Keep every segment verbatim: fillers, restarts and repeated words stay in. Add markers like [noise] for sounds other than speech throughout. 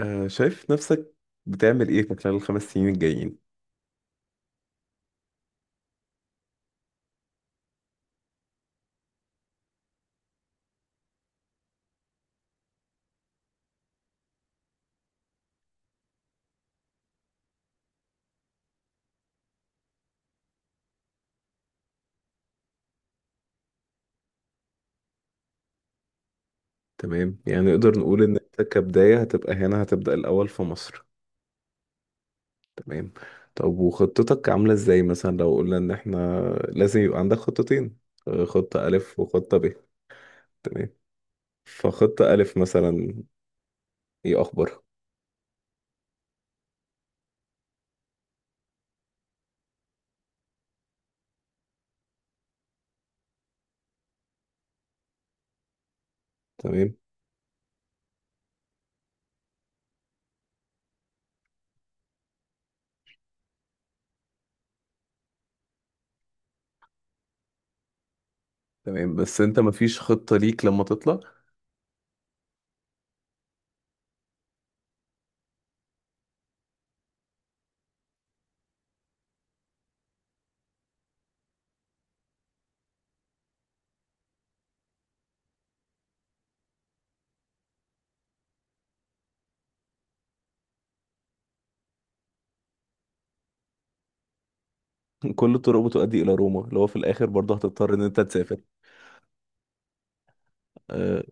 آه، شايف نفسك بتعمل ايه في خلال الخمس سنين الجايين؟ تمام، يعني نقدر نقول ان انت كبداية هتبقى هنا، هتبدأ الأول في مصر. تمام. طب وخطتك عاملة ازاي؟ مثلا لو قلنا ان احنا لازم يبقى عندك خطتين، آه، خطة ألف وخطة ب. تمام. فخطة ألف مثلا ايه أخبارها؟ تمام، تمام. بس انت مفيش خطة ليك لما تطلع؟ [laughs] كل الطرق بتؤدي إلى روما، اللي هو في الآخر برضه هتضطر ان انت تسافر. أه.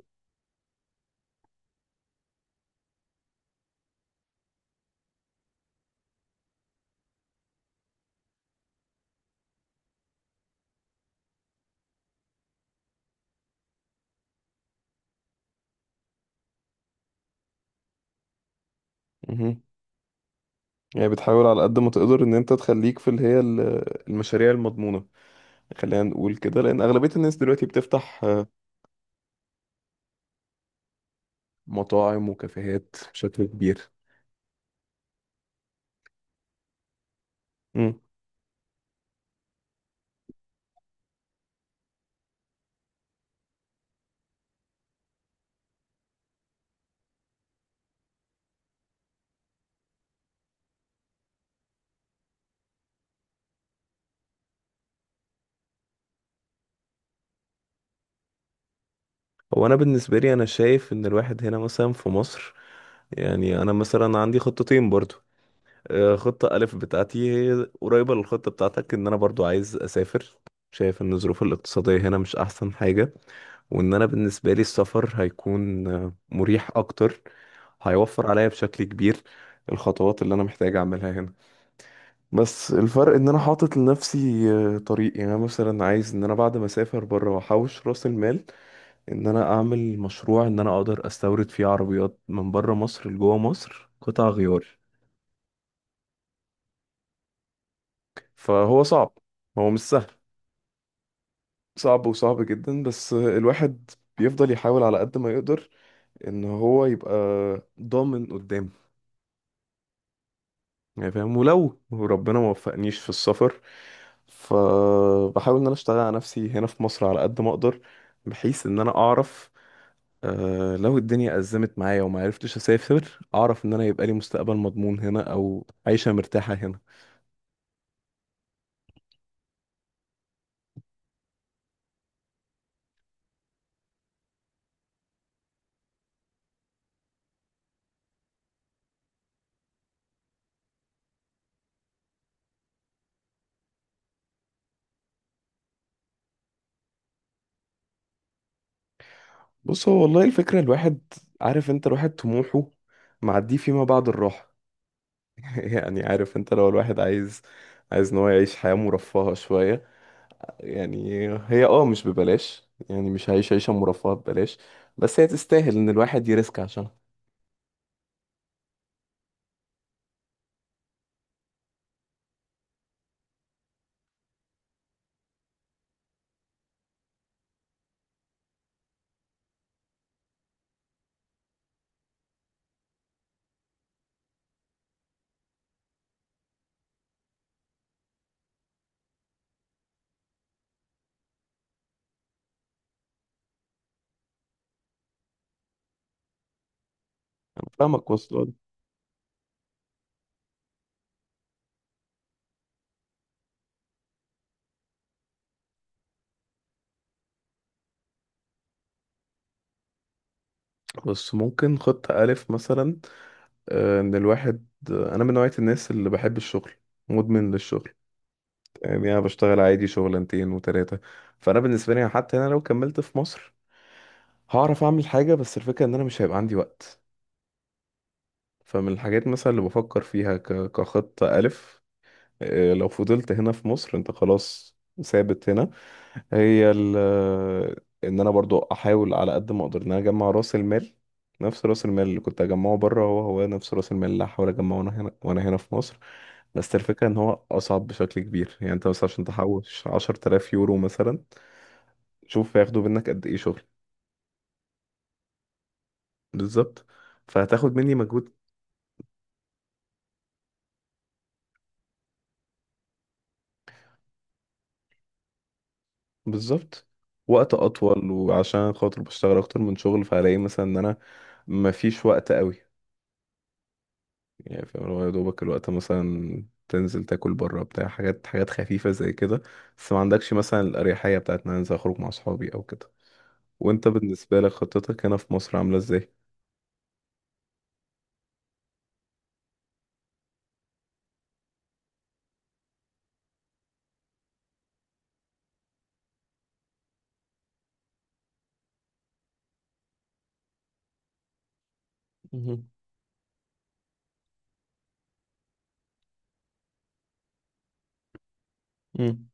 مهم. يعني بتحاول على قد ما تقدر ان انت تخليك في اللي هي ال- المشاريع المضمونة، خلينا نقول كده، لان اغلبية الناس دلوقتي بتفتح آه، مطاعم وكافيهات بشكل كبير. مم. هو انا بالنسبة لي انا شايف ان الواحد هنا مثلا في مصر، يعني انا مثلا عندي خطتين برضو. آه، خطة ألف بتاعتي هي قريبة للخطة بتاعتك، ان انا برضو عايز اسافر. شايف ان الظروف الاقتصادية هنا مش احسن حاجة، وان انا بالنسبة لي السفر هيكون آه، مريح اكتر، هيوفر عليا بشكل كبير الخطوات اللي انا محتاج اعملها هنا. بس الفرق ان انا حاطط لنفسي آه، طريق. يعني انا مثلا عايز ان انا بعد ما اسافر بره واحوش راس المال، ان انا اعمل مشروع ان انا اقدر استورد فيه عربيات من بره مصر لجوه مصر قطع غيار. فهو صعب، هو مش سهل، صعب وصعب جدا. بس آه، الواحد بيفضل يحاول على قد ما يقدر ان هو يبقى ضامن قدام، يعني فاهم. ولو ربنا ما وفقنيش في السفر، فبحاول ان انا اشتغل على نفسي هنا في مصر على قد ما اقدر، بحيث ان انا اعرف، آه لو الدنيا ازمت معايا وما عرفتش اسافر، اعرف ان انا يبقى لي مستقبل مضمون هنا او عيشة مرتاحة هنا. بص، هو والله الفكرة الواحد عارف انت، الواحد طموحه معديه فيما بعد الراحة. [laughs] يعني عارف انت لو الواحد عايز عايز ان هو يعيش حياة مرفهة شوية، يعني هي اه مش ببلاش، يعني مش هعيش عيشة مرفهة ببلاش، بس هي تستاهل ان الواحد يريسك عشانها. انا فاهمك، وصل. بس ممكن خطة ألف مثلا، آه، ان الواحد، انا من نوعية الناس اللي بحب الشغل، مدمن للشغل. يعني انا بشتغل عادي شغلانتين وتلاتة. فانا بالنسبة لي حتى انا لو كملت في مصر هعرف اعمل حاجة، بس الفكرة ان انا مش هيبقى عندي وقت. فمن الحاجات مثلا اللي بفكر فيها ك- كخطة ألف، آه، لو فضلت هنا في مصر انت خلاص ثابت هنا، هي ال آه، ان انا برضو احاول على قد ما اقدر ان انا اجمع راس المال. نفس راس المال اللي كنت اجمعه بره هو هو نفس راس المال اللي هحاول اجمعه وانا هنا وانا هنا في مصر. بس الفكرة ان هو اصعب بشكل كبير، يعني انت مثلا عشان تحوش عشر آلاف يورو مثلا، شوف هياخدوا منك قد ايه شغل. بالظبط، فهتاخد مني مجهود. بالظبط، وقت اطول. وعشان خاطر بشتغل اكتر من شغل فهلاقي مثلا ان انا مفيش وقت قوي، يعني فاهم. اللي هو يا دوبك الوقت مثلا تنزل تاكل بره بتاع حاجات حاجات خفيفة زي كده، بس ما عندكش مثلا الأريحية بتاعت ان انا انزل اخرج مع اصحابي او كده. وانت بالنسبة لك خطتك هنا في مصر عاملة ازاي؟ مهم. مم.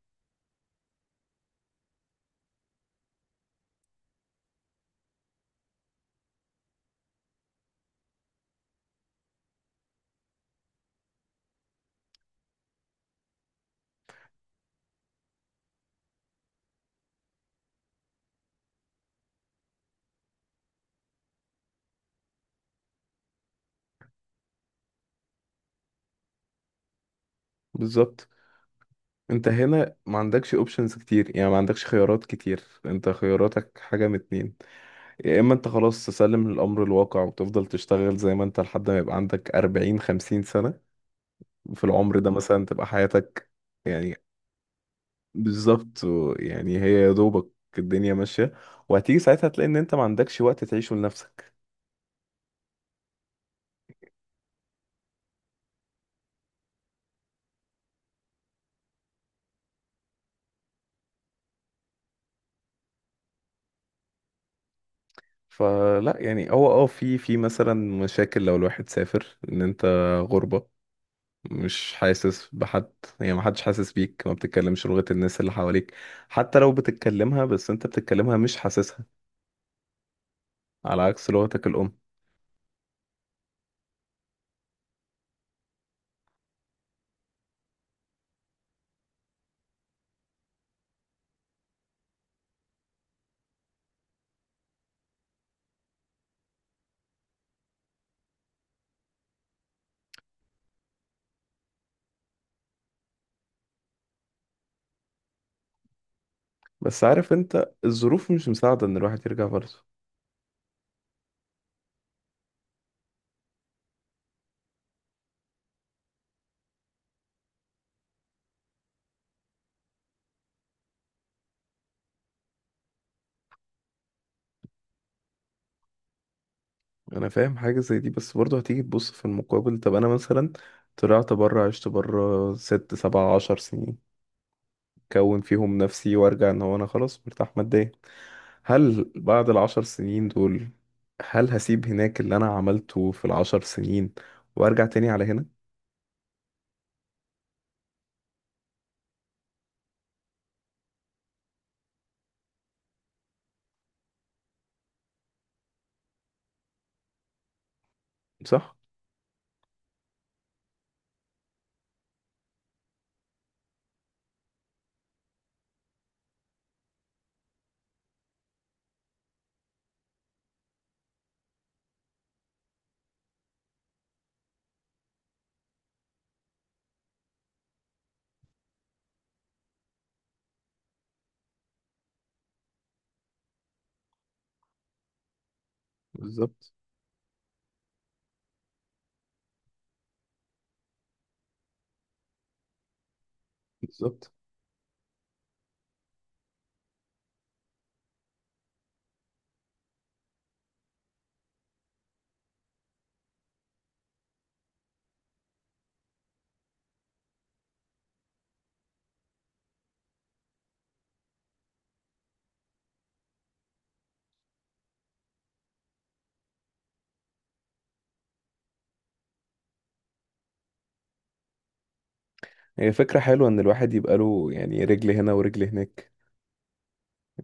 بالظبط، انت هنا ما عندكش اوبشنز كتير، يعني ما عندكش خيارات كتير، انت خياراتك حاجة من اتنين: يا اما انت خلاص تسلم للامر الواقع وتفضل تشتغل زي ما انت لحد ما يبقى عندك اربعين خمسين سنة، في العمر ده مثلا تبقى حياتك، يعني. بالظبط. و- يعني هي يا دوبك الدنيا ماشية، وهتيجي ساعتها تلاقي ان انت ما عندكش وقت تعيشه لنفسك. فلا، يعني هو اه في في مثلا مشاكل لو الواحد سافر، ان انت غربة، مش حاسس بحد، يعني ما حدش حاسس بيك، ما بتتكلمش لغة الناس اللي حواليك. حتى لو بتتكلمها، بس انت بتتكلمها مش حاسسها، على عكس لغتك الأم. بس عارف انت الظروف مش مساعدة ان الواحد يرجع برضه. انا فاهم حاجه زي دي، بس برضه هتيجي تبص في المقابل. طب انا مثلا طلعت بره، عشت بره ست سبع عشر سنين، كون فيهم نفسي وارجع ان هو انا خلاص مرتاح ماديا. هل بعد العشر سنين دول، هل هسيب هناك اللي انا عملته في العشر سنين وارجع تاني على هنا؟ صح. بالظبط. بالظبط. هي فكره حلوه ان الواحد يبقى له يعني رجل هنا ورجل هناك،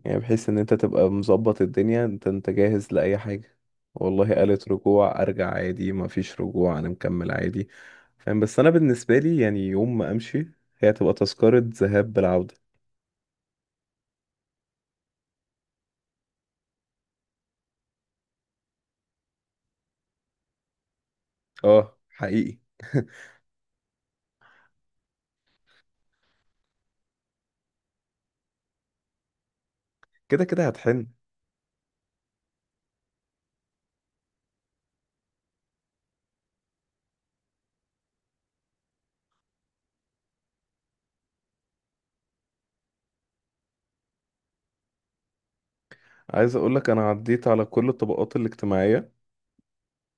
يعني بحيث ان انت تبقى مظبط الدنيا، انت انت جاهز لأي حاجة. والله قالت رجوع ارجع عادي، ما فيش رجوع انا مكمل عادي، فاهم. بس انا بالنسبة لي، يعني يوم ما امشي هي تبقى تذكرة ذهاب بالعودة. اه، حقيقي. [laughs] كده كده هتحن. عايز اقول لك انا عديت على كل الطبقات الاجتماعية.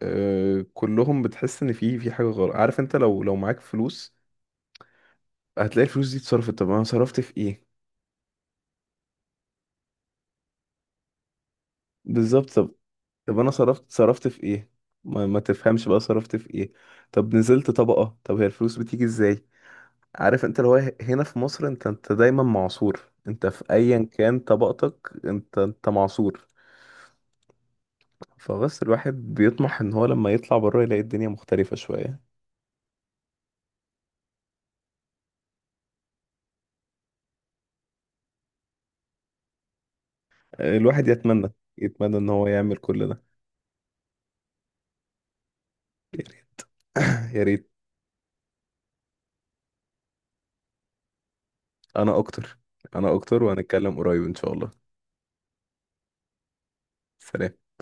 أه، كلهم بتحس ان في في حاجة غلط. عارف انت، لو لو معاك فلوس هتلاقي الفلوس دي اتصرفت، طب انا صرفت في ايه؟ بالظبط. طب انا صرفت صرفت في ايه؟ ما, ما تفهمش بقى صرفت في ايه. طب نزلت طبقة، طب هي الفلوس بتيجي ازاي؟ عارف انت اللي هو ه- هنا في مصر انت انت دايما معصور، انت في ايا كان طبقتك انت انت معصور. فبس الواحد بيطمح ان هو لما يطلع بره يلاقي الدنيا مختلفة شوية. الواحد يتمنى، يتمنى ان هو يعمل كل ده. يا ريت. يا ريت. انا اكتر. انا اكتر وهنتكلم قريب ان شاء الله. سلام.